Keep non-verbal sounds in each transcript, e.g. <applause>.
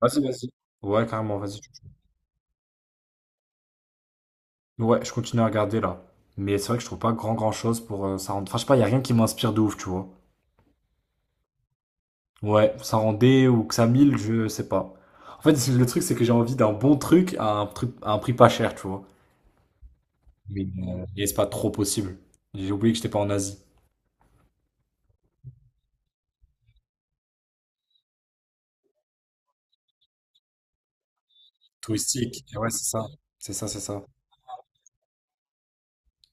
Vas-y, vas-y. Ouais, carrément, vas-y. Ouais, je continue à regarder là. Mais c'est vrai que je trouve pas grand grand chose pour Enfin, je sais pas, y a rien qui m'inspire de ouf, tu vois. Ouais, ça rendait ou que ça mille, je sais pas. En fait, <laughs> le truc, c'est que j'ai envie d'un bon truc à un prix pas cher, tu vois. Mais et c'est pas trop possible. J'ai oublié que j'étais pas en Asie. Touristique. Et ouais, c'est ça. C'est ça, c'est ça.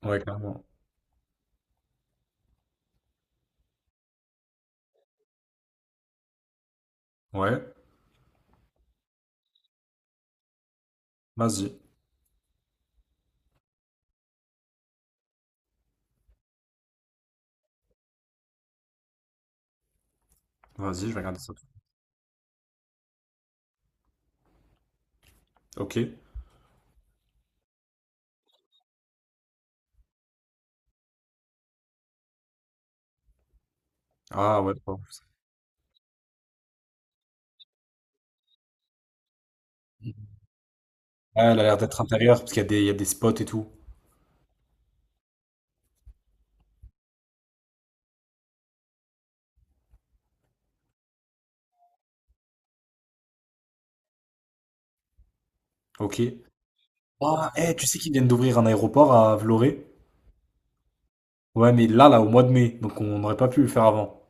Ouais, carrément. Ouais, vas-y. Vas-y, je vais regarder ça. Ok. Ah ouais, bon. Ouais, elle a l'air d'être intérieure parce qu'il y a des spots et tout. Ok. Ah, eh, tu sais qu'ils viennent d'ouvrir un aéroport à Vloré? Ouais, mais là, au mois de mai, donc on n'aurait pas pu le faire avant.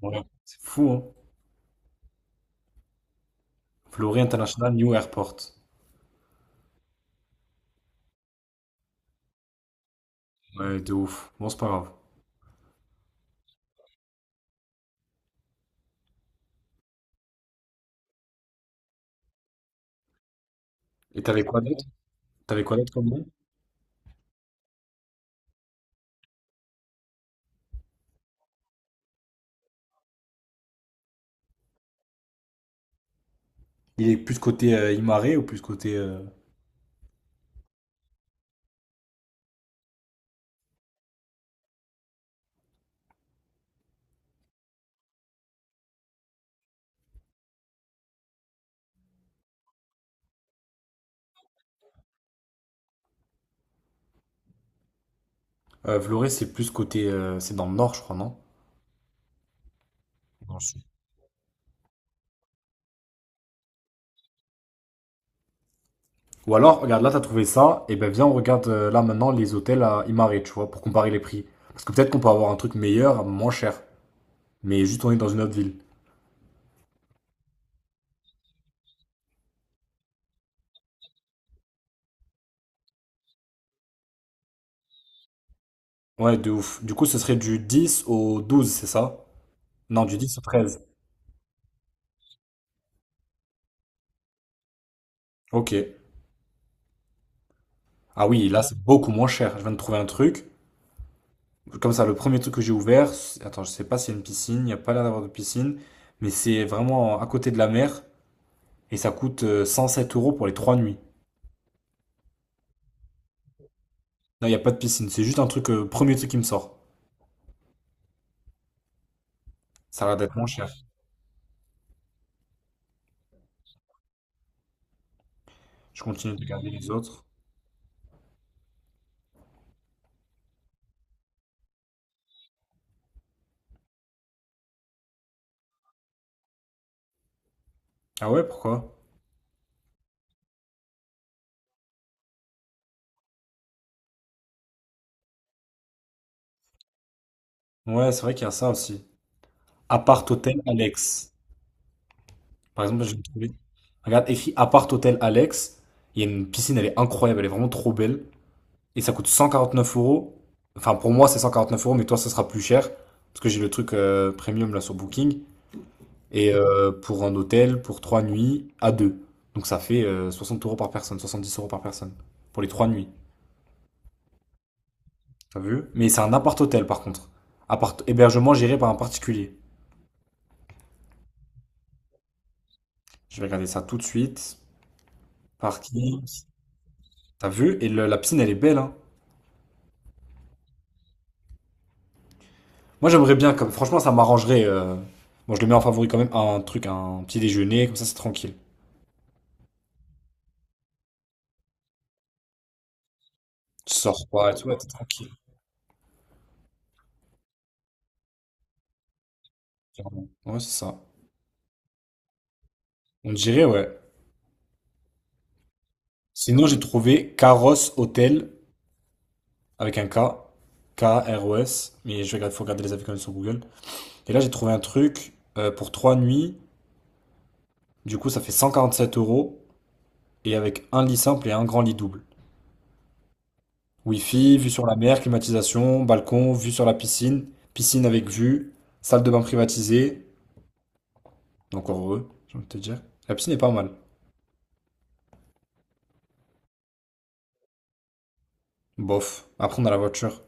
Ouais, c'est fou, hein? Vloré International New Airport. Ouais, de ouf. Bon, c'est pas grave. Et t'avais quoi d'autre? T'avais quoi d'autre comme nom? Il est plus côté Imare, ou plus côté, Vloré, c'est plus côté, c'est dans le nord, je crois, non? Dans le sud. Ou alors, regarde, là, t'as trouvé ça, et ben viens, on regarde là maintenant les hôtels à Imare, tu vois, pour comparer les prix. Parce que peut-être qu'on peut avoir un truc meilleur, moins cher. Mais juste on est dans une autre ville. Ouais, de ouf. Du coup, ce serait du 10 au 12, c'est ça? Non, du 10 au 13. Ok. Ah oui, là, c'est beaucoup moins cher. Je viens de trouver un truc. Comme ça, le premier truc que j'ai ouvert, attends, je sais pas s'il y a une piscine, il n'y a pas l'air d'avoir de piscine, mais c'est vraiment à côté de la mer et ça coûte 107 € pour les 3 nuits. Non, il n'y a pas de piscine, c'est juste un truc, premier truc qui me sort. Ça a l'air d'être moins cher. Je continue de regarder les autres. Ah ouais, pourquoi? Ouais, c'est vrai qu'il y a ça aussi. Appart hôtel Alex. Par exemple, j'ai trouvé. Regarde, écrit appart hôtel Alex. Il y a une piscine, elle est incroyable, elle est vraiment trop belle. Et ça coûte 149 euros. Enfin, pour moi, c'est 149 euros, mais toi, ça sera plus cher. Parce que j'ai le truc premium là sur Booking. Et pour un hôtel, pour 3 nuits, à deux. Donc ça fait 60 € par personne, 70 € par personne. Pour les 3 nuits. T'as vu? Mais c'est un appart-hôtel par contre. Appart hébergement géré par un particulier. Je vais regarder ça tout de suite. Parking. T'as vu? Et la piscine, elle est belle, hein. Moi, j'aimerais bien, comme franchement, ça m'arrangerait. Moi, je le mets en favori quand même, un truc, un petit déjeuner, comme ça, c'est tranquille. Tu sors pas, tu vois, t'es tranquille. Clairement. Ouais, c'est ça. On dirait, ouais. Sinon, j'ai trouvé Caros Hotel, avec un K, KROS, mais je regarde, faut regarder les avis quand même sur Google. Et là, j'ai trouvé un truc pour 3 nuits, du coup, ça fait 147 euros, et avec un lit simple et un grand lit double. Wi-Fi, vue sur la mer, climatisation, balcon, vue sur la piscine, piscine avec vue, salle de bain privatisée. Encore heureux, j'ai envie de te dire. La piscine est pas mal. Bof. Après, on a la voiture.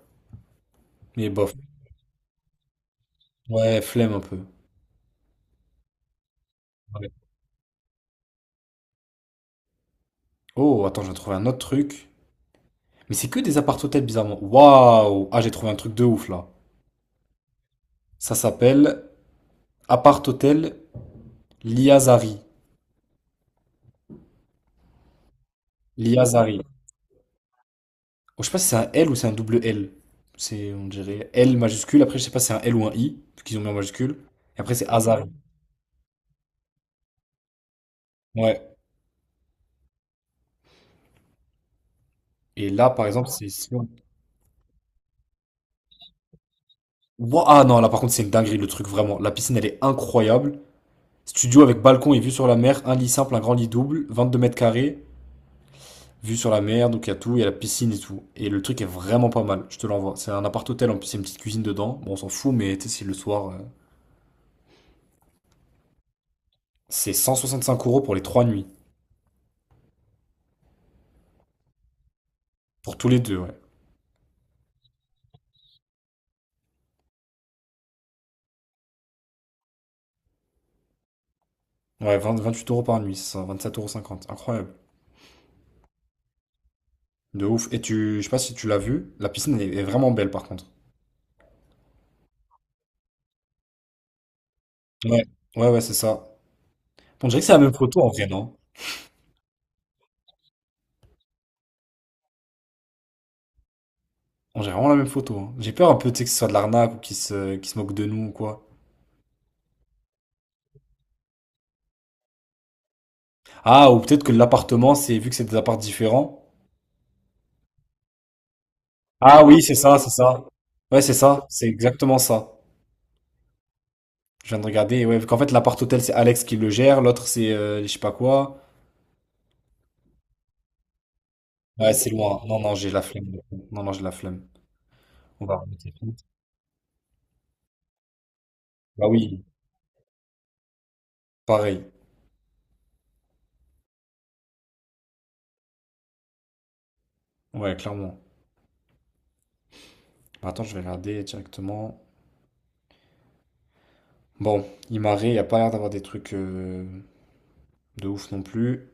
Mais bof. Ouais, flemme un peu. Ouais. Oh, attends, j'ai trouvé un autre truc. Mais c'est que des appart-hôtels, bizarrement. Waouh! Ah, j'ai trouvé un truc de ouf, là. Ça s'appelle appart-hôtel Liazari. Liazari. Oh, je sais pas si c'est un L ou c'est un double L. C'est, on dirait, L majuscule. Après, je sais pas si c'est un L ou un I, parce qu'ils ont mis en majuscule. Et après, c'est Azari. Ouais. Et là, par exemple, c'est... si on- Ouah, ah non, là, par contre, c'est une dinguerie, le truc, vraiment. La piscine, elle est incroyable. Studio avec balcon et vue sur la mer, un lit simple, un grand lit double, 22 m², vue sur la mer, donc il y a tout, il y a la piscine et tout. Et le truc est vraiment pas mal, je te l'envoie. C'est un appart-hôtel en plus, il y a une petite cuisine dedans. Bon, on s'en fout, mais tu sais, c'est le soir. C'est 5 € pour les 3 nuits. Pour tous les deux, ouais. Ouais, 20 28 € par nuit, c'est ça, sept euros cinquante. Incroyable. De ouf. Et je sais pas si tu l'as vu, la piscine est vraiment belle par contre. Ouais, ouais, ouais, c'est ça. On dirait que c'est la même photo en vrai, non? On dirait vraiment la même photo, hein. J'ai peur un peu, tu sais, que ce soit de l'arnaque ou qu'ils se moquent de nous ou quoi. Ah, ou peut-être que l'appartement, c'est vu que c'est des apparts différents. Ah oui, c'est ça, c'est ça. Ouais, c'est ça, c'est exactement ça. Je viens de regarder, et ouais, vu qu'en fait, l'appart hôtel, c'est Alex qui le gère, l'autre, c'est je sais pas quoi. Ouais, c'est loin. Non, non, j'ai la flemme. Non, non, j'ai la flemme. On va remettre vite. Bah oui, pareil. Ouais, clairement. Bah, attends, je vais regarder directement. Bon, Imare, il a pas l'air d'avoir des trucs de ouf non plus.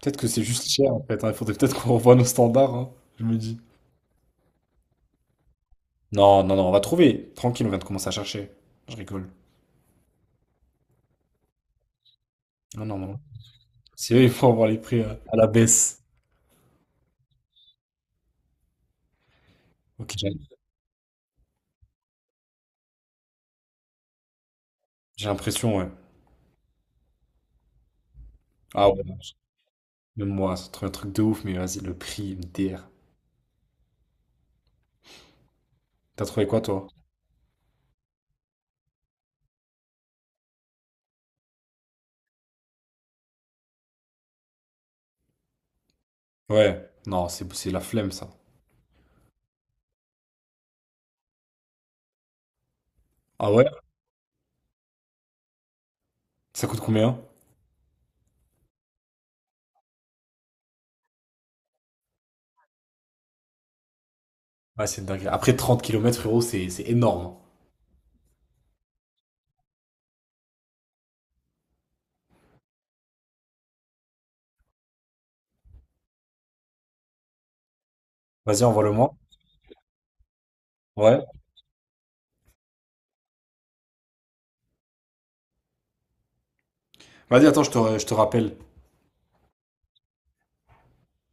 Peut-être que c'est juste cher, en fait, hein. Il faudrait peut-être qu'on revoie nos standards, hein, je me dis. Non, non, non, on va trouver. Tranquille, on vient de commencer à chercher. Je rigole. Non, non, non. C'est eux, ils font avoir les prix à la baisse. Ok, j'ai l'impression, ouais. Ah ouais, non, même moi, c'est trop un truc de ouf, mais vas-y, le prix, une DR. T'as trouvé quoi, toi? Ouais. Non, c'est la flemme, ça. Ah ouais? Ça coûte combien? Ouais, c'est une dinguerie. Après 30 km frérot, c'est énorme. Vas-y, envoie-le-moi. Ouais. Vas-y, attends, je te rappelle.